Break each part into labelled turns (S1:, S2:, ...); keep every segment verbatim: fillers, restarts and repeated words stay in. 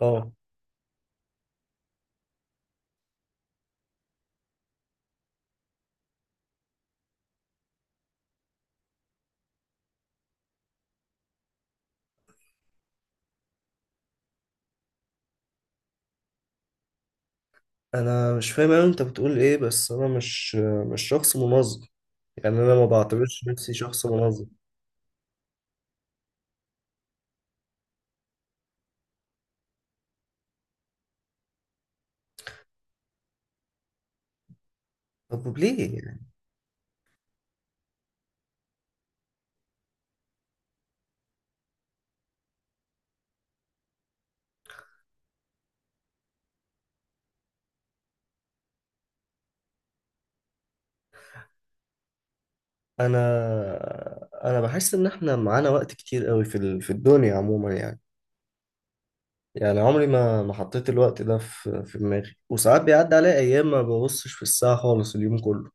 S1: اه. انا مش فاهم اوي انت بتقول ايه، بس انا مش مش شخص منظم. يعني انا ما بعتبرش نفسي شخص منظم. طب ليه يعني؟ انا انا بحس ان احنا معانا وقت كتير قوي في ال- في الدنيا عموما يعني. يعني عمري ما ما حطيت الوقت ده في في دماغي، وساعات بيعدي عليا ايام ما ببصش في الساعة خالص اليوم كله.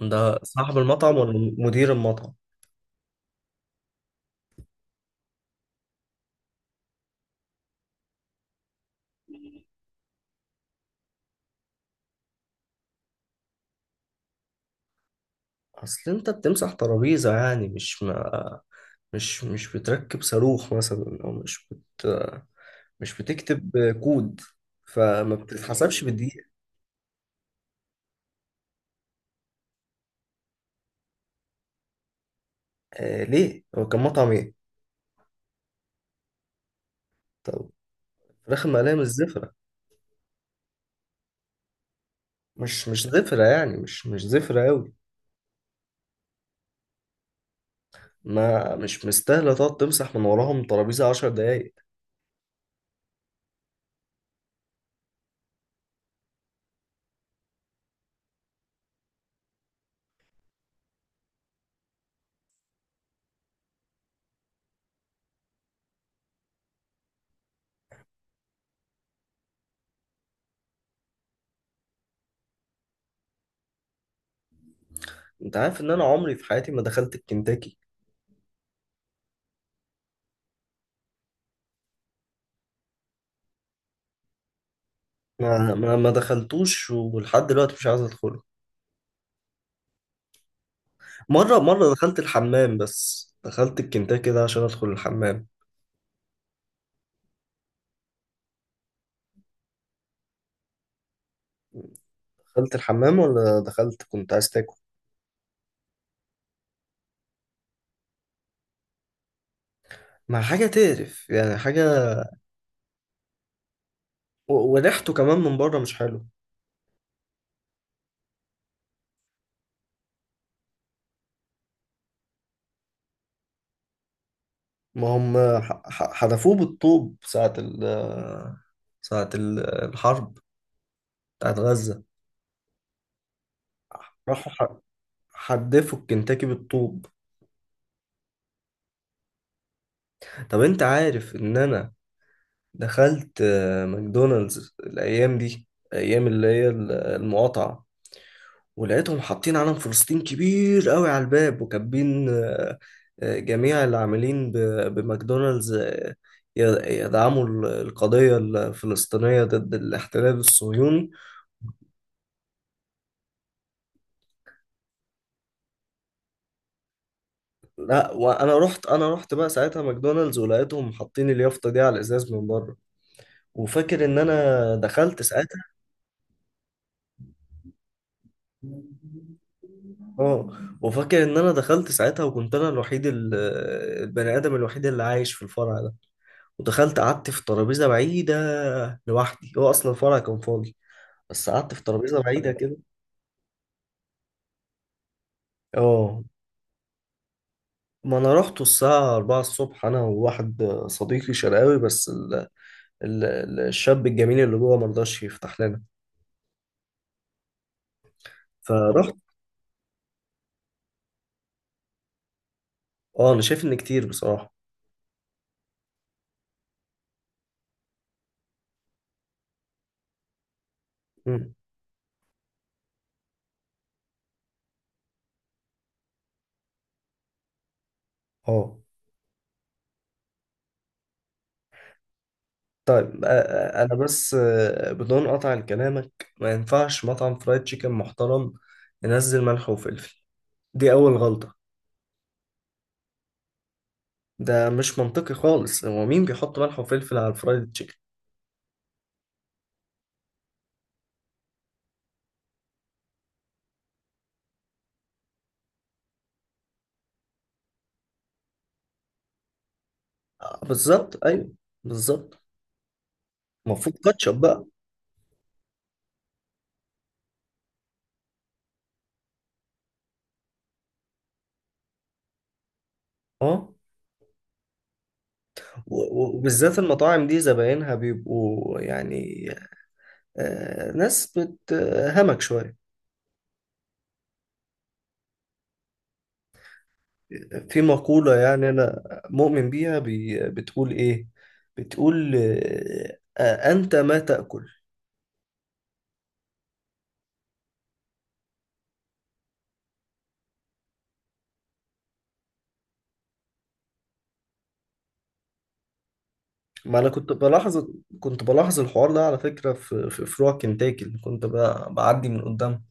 S1: ده صاحب المطعم ولا مدير المطعم؟ اصل انت بتمسح ترابيزة، يعني مش ما مش مش بتركب صاروخ مثلا، او مش بت مش بتكتب آه، كود. فما بتتحسبش بالدقيقة. آه ليه؟ هو كان مطعم ايه؟ طب، فراخ المقلية مش زفرة. مش مش زفرة يعني، مش مش زفرة أوي. ما مش مستاهلة تقعد تمسح من وراهم ترابيزة عشر دقايق. انت عارف ان انا عمري في حياتي ما دخلت الكنتاكي. ما ما ما دخلتوش، ولحد دلوقتي مش عايز ادخله. مرة مرة دخلت الحمام، بس دخلت الكنتاكي ده عشان ادخل الحمام. دخلت الحمام ولا دخلت كنت عايز تاكل؟ مع حاجة تقرف يعني، حاجة. و- وريحته كمان من بره مش حلو. ما هم ح- ح- حدفوه بالطوب ساعة ال ساعة ال- الحرب بتاعت غزة. راحوا ح- حدفوا الكنتاكي بالطوب. طب انت عارف ان انا دخلت آه، ماكدونالدز الايام دي، ايام اللي هي ال- المقاطعة، ولقيتهم حاطين علم فلسطين كبير قوي على الباب، وكاتبين آه، آه، جميع العاملين ب- بماكدونالدز آه، ي- يدعموا ال- القضية الفلسطينية ضد الاحتلال الصهيوني. لا، وانا رحت انا رحت بقى ساعتها ماكدونالدز، ولقيتهم حاطين اليافطة دي على الازاز من بره. وفاكر ان انا دخلت ساعتها. اه. وفاكر ان انا دخلت ساعتها، وكنت انا الوحيد ال- البني ادم الوحيد اللي عايش في الفرع. ودخلت قعدت في ترابيزة بعيدة لوحدي، هو أصلا الفرع كان فاضي، بس قعدت في ترابيزة بعيدة كده. اه. ما أنا رحت الساعة أربعة الصبح أنا وواحد صديقي شرقاوي، بس ال... ال... ال- الشاب الجميل اللي جوه مرضاش يفتح لنا. فرحت. اه. أنا شايف إن كتير بصراحة. مم. اه. طيب، آه، آه، أنا بس آه، بدون قطع لكلامك، ما ينفعش مطعم فرايد تشيكن محترم ينزل ملح وفلفل. دي أول غلطة. ده مش منطقي خالص، هو مين بيحط ملح وفلفل على الفرايد تشيكن؟ آه، بالظبط، ايوه، بالظبط. المفروض كاتشب بقى. اه. و- و- وبالذات المطاعم دي زباينها بيبقوا يعني، آه، ناس بتهمك شوية. في مقولة يعني، أنا مؤمن بيها، بي بتقول إيه؟ بتقول آه آه، أنت ما تأكل. ما أنا كنت بلاحظ كنت بلاحظ الحوار ده على فكرة، في في فروع كنتاكي اللي كنت ب- بعدي من قدامها.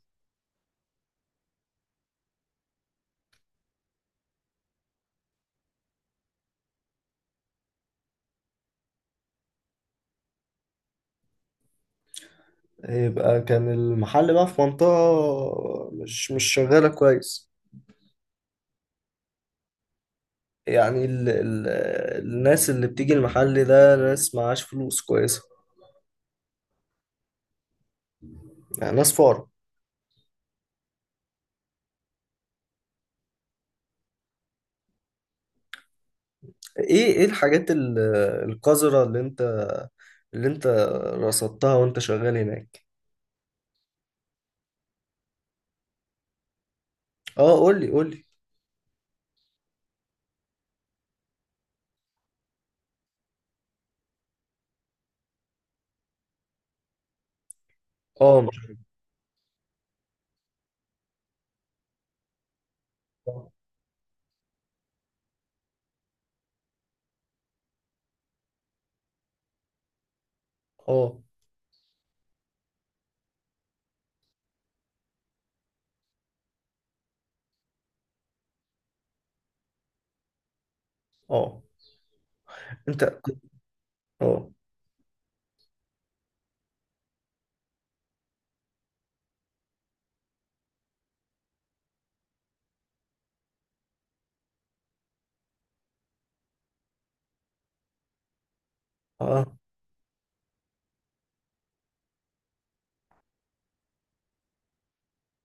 S1: يبقى كان المحل بقى في منطقة مش مش شغالة كويس. يعني ال ال الناس اللي بتيجي المحل ده ناس معاش فلوس كويسة. يعني ناس فقراء. ايه ايه الحاجات ال- القذرة اللي انت اللي انت رصدتها وانت شغال هناك. اه، قولي قولي. اه. مش- اه. اه. انت. اه. اه.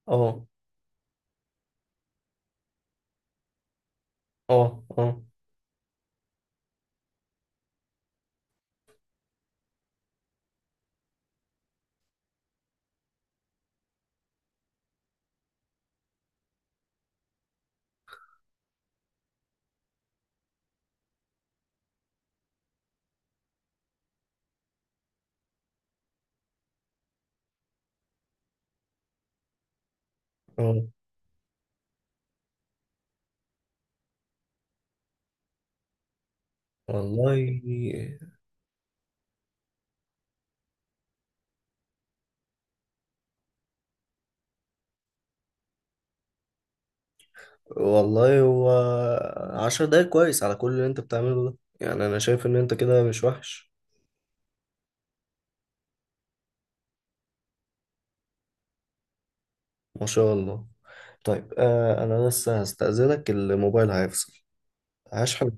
S1: اه. اه. اه. اه. والله. والله هو عشر دقايق كويس على كل اللي انت بتعمله ده، يعني انا شايف ان انت كده مش وحش. ما شاء الله. طيب، آه انا لسه هستأذنك، الموبايل هيفصل. هشحن.